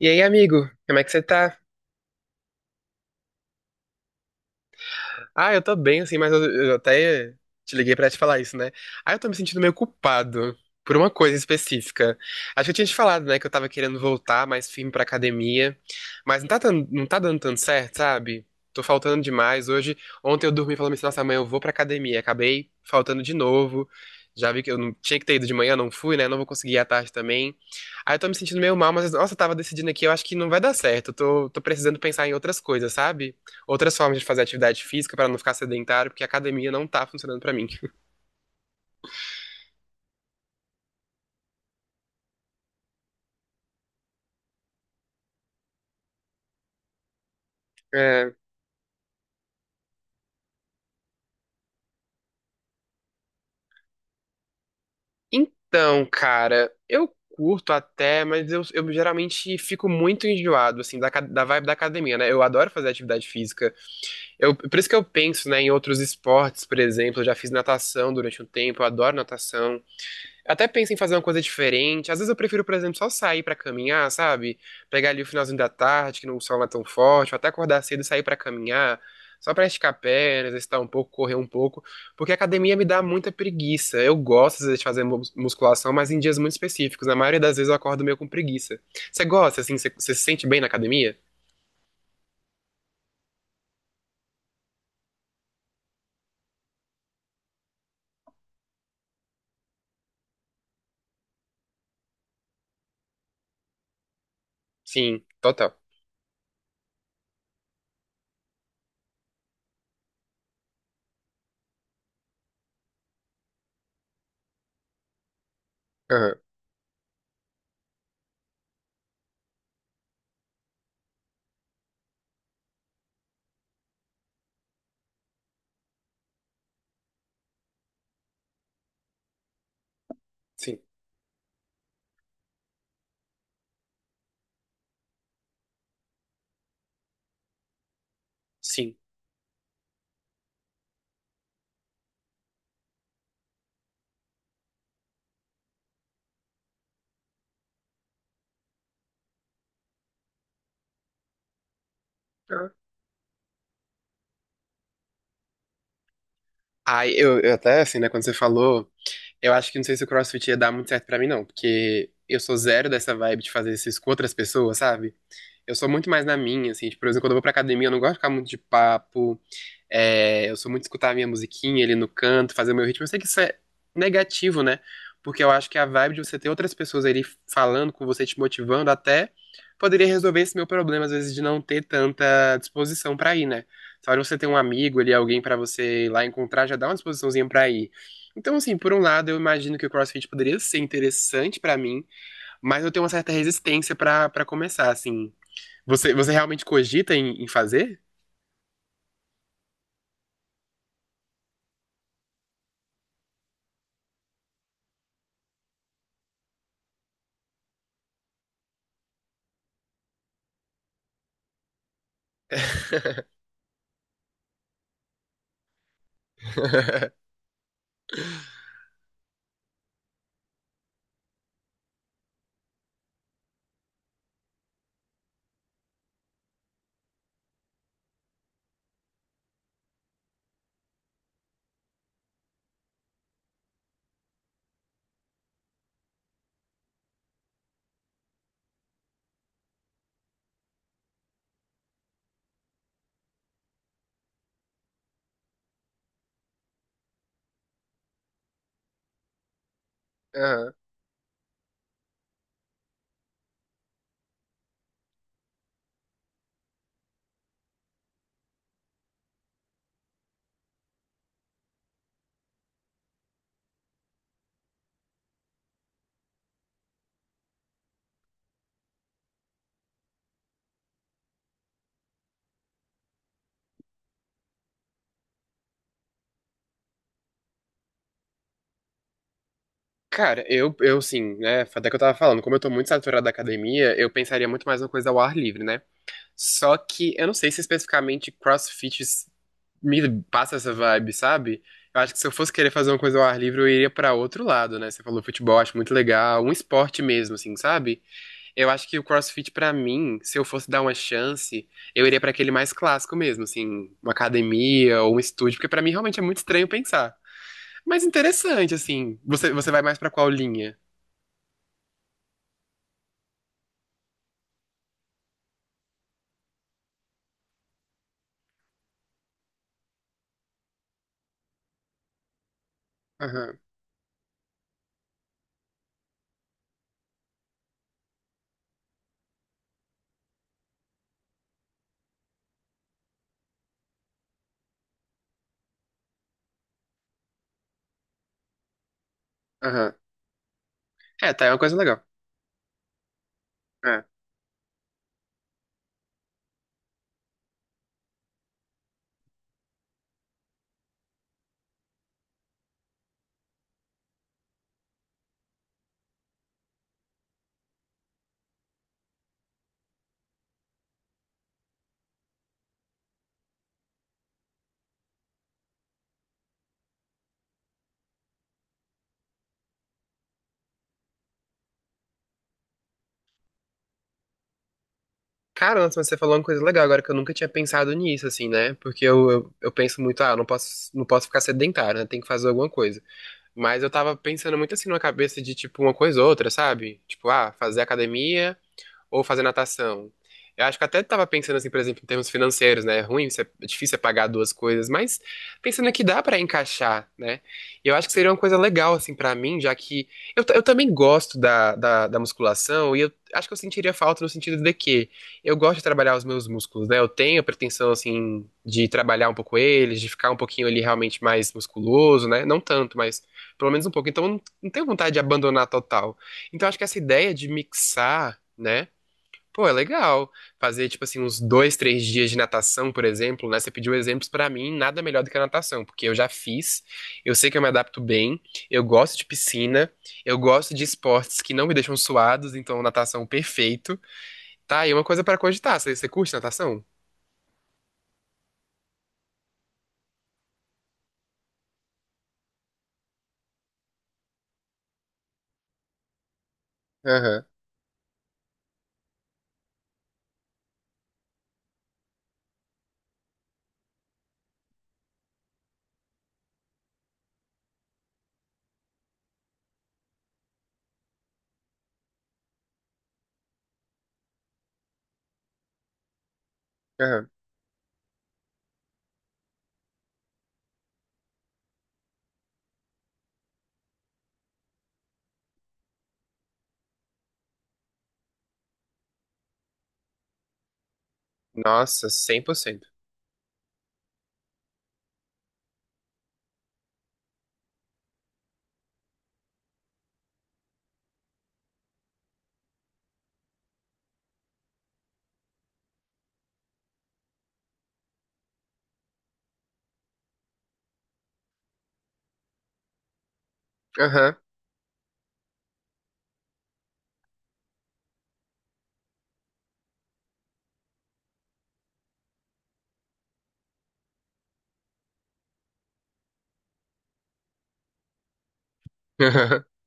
E aí, amigo, como é que você tá? Ah, eu tô bem, assim, mas eu até te liguei pra te falar isso, né? Ah, eu tô me sentindo meio culpado por uma coisa específica. Acho que eu tinha te falado, né, que eu tava querendo voltar mais firme pra academia, mas não tá dando tanto certo, sabe? Tô faltando demais. Ontem eu dormi falando assim, nossa, amanhã eu vou pra academia. Acabei faltando de novo. Já vi que eu não tinha que ter ido de manhã, não fui, né? Não vou conseguir ir à tarde também. Aí eu tô me sentindo meio mal, mas nossa, eu tava decidindo aqui, eu acho que não vai dar certo. Eu tô precisando pensar em outras coisas, sabe? Outras formas de fazer atividade física para não ficar sedentário, porque a academia não tá funcionando para mim. É, então, cara, eu curto até, mas eu geralmente fico muito enjoado, assim, da vibe da academia, né? Eu adoro fazer atividade física. Eu, por isso que eu penso, né, em outros esportes, por exemplo. Eu já fiz natação durante um tempo, eu adoro natação. Até penso em fazer uma coisa diferente. Às vezes eu prefiro, por exemplo, só sair pra caminhar, sabe? Pegar ali o finalzinho da tarde, que não, o sol não é tão forte, ou até acordar cedo e sair pra caminhar, só pra esticar a perna, exercitar um pouco, correr um pouco, porque a academia me dá muita preguiça. Eu gosto, às vezes, de fazer musculação, mas em dias muito específicos. Na maioria das vezes eu acordo meio com preguiça. Você gosta, assim? Você se sente bem na academia? Sim, total. Aham. Sim, sim. Aham. Ai, eu até, assim, né, quando você falou. Eu acho que não sei se o CrossFit ia dar muito certo pra mim, não, porque eu sou zero dessa vibe de fazer isso com outras pessoas, sabe? Eu sou muito mais na minha, assim, tipo, por exemplo, quando eu vou pra academia, eu não gosto de ficar muito de papo. É, eu sou muito de escutar a minha musiquinha ali no canto, fazer o meu ritmo. Eu sei que isso é negativo, né? Porque eu acho que a vibe de você ter outras pessoas ali falando com você, te motivando, até poderia resolver esse meu problema, às vezes, de não ter tanta disposição pra ir, né? Só de você ter um amigo ali, alguém pra você ir lá encontrar, já dá uma disposiçãozinha pra ir. Então, assim, por um lado, eu imagino que o CrossFit poderia ser interessante pra mim, mas eu tenho uma certa resistência pra para começar, assim. Você realmente cogita em fazer? Aham. Cara, eu assim, né? Até que eu tava falando, como eu tô muito saturado da academia, eu pensaria muito mais uma coisa ao ar livre, né? Só que eu não sei se especificamente me passa essa vibe, sabe? Eu acho que se eu fosse querer fazer uma coisa ao ar livre, eu iria pra outro lado, né? Você falou futebol, acho muito legal, um esporte mesmo, assim, sabe? Eu acho que o CrossFit, pra mim, se eu fosse dar uma chance, eu iria pra aquele mais clássico mesmo, assim, uma academia ou um estúdio, porque pra mim realmente é muito estranho pensar. Mas interessante, assim. Você vai mais pra qual linha? Aham, aham. É, tá, é uma coisa legal. É. Cara, nossa, mas você falou uma coisa legal agora que eu nunca tinha pensado nisso, assim, né? Porque eu penso muito, ah, eu não posso, não posso ficar sedentário, né? Tem que fazer alguma coisa. Mas eu tava pensando muito assim na cabeça de, tipo, uma coisa ou outra, sabe? Tipo, ah, fazer academia ou fazer natação. Eu acho que até tava pensando assim, por exemplo, em termos financeiros, né? É ruim, você- é difícil é pagar duas coisas, mas pensando que dá para encaixar, né? E eu acho que seria uma coisa legal assim para mim, já que eu também gosto da musculação e eu acho que eu sentiria falta no sentido de que eu gosto de trabalhar os meus músculos, né? Eu tenho a pretensão assim de trabalhar um pouco eles, de ficar um pouquinho ali realmente mais musculoso, né? Não tanto, mas pelo menos um pouco. Então eu não, não tenho vontade de abandonar total. Então eu acho que essa ideia de mixar, né? Pô, é legal. Fazer, tipo assim, uns dois, três dias de natação, por exemplo, né? Você pediu exemplos pra mim, nada melhor do que a natação, porque eu já fiz, eu sei que eu me adapto bem, eu gosto de piscina, eu gosto de esportes que não me deixam suados, então natação perfeito. Tá aí uma coisa pra cogitar. Você curte natação? Aham, aham. Nossa, 100%. Aham.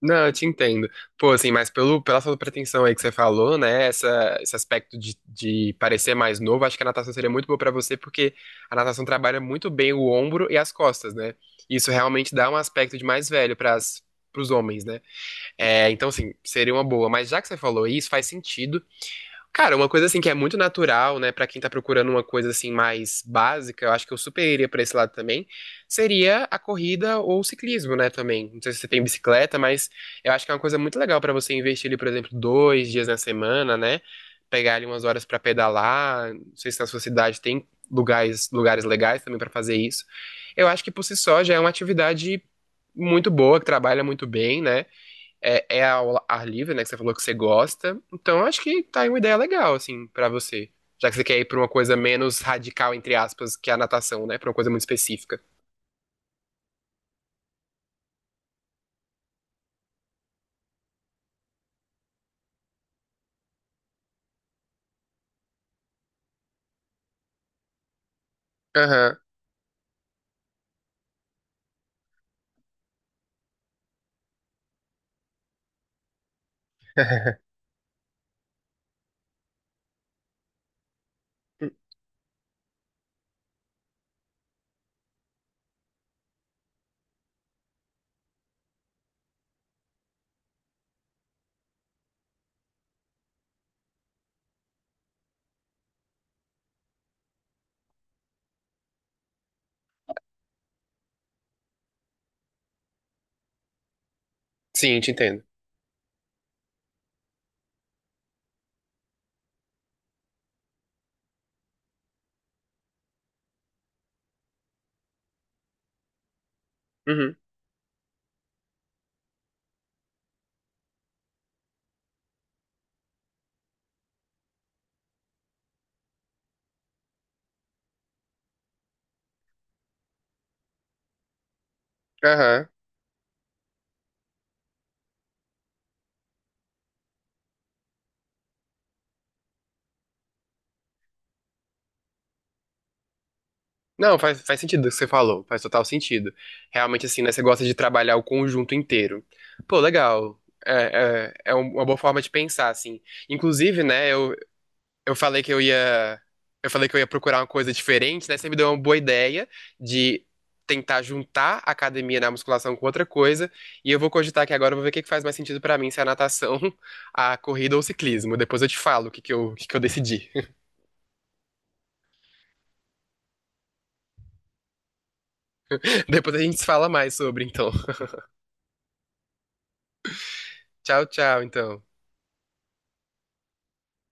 Não, eu te entendo. Pô, assim, mas pela sua pretensão aí que você falou, né? Esse aspecto de parecer mais novo, acho que a natação seria muito boa pra você, porque a natação trabalha muito bem o ombro e as costas, né? Isso realmente dá um aspecto de mais velho para os homens, né? É, então, assim, seria uma boa. Mas já que você falou isso, faz sentido. Cara, uma coisa assim que é muito natural, né, pra quem tá procurando uma coisa assim mais básica, eu acho que eu super iria pra esse lado também, seria a corrida ou o ciclismo, né, também. Não sei se você tem bicicleta, mas eu acho que é uma coisa muito legal pra você investir ali, por exemplo, 2 dias na semana, né, pegar ali umas horas pra pedalar. Não sei se na sua cidade tem lugares legais também pra fazer isso. Eu acho que por si só já é uma atividade muito boa, que trabalha muito bem, né? É, é ao ar livre, né? Que você falou que você gosta. Então, acho que tá aí uma ideia legal, assim, pra você. Já que você quer ir pra uma coisa menos radical, entre aspas, que a natação, né? Pra uma coisa muito específica. Aham. Sim, te entendo. Uhum. Aham. Não, faz sentido o que você falou. Faz total sentido. Realmente, assim, né? Você gosta de trabalhar o conjunto inteiro. Pô, legal. É um, uma boa forma de pensar, assim. Inclusive, né? Eu falei que eu ia, eu falei que eu ia procurar uma coisa diferente, né? Você me deu uma boa ideia de tentar juntar a academia na musculação com outra coisa, e eu vou cogitar aqui agora, eu vou ver o que que faz mais sentido pra mim, se é a natação, a corrida ou o ciclismo. Depois eu te falo o que que eu, o que que eu decidi. Depois a gente se fala mais sobre, então. Tchau, tchau, então.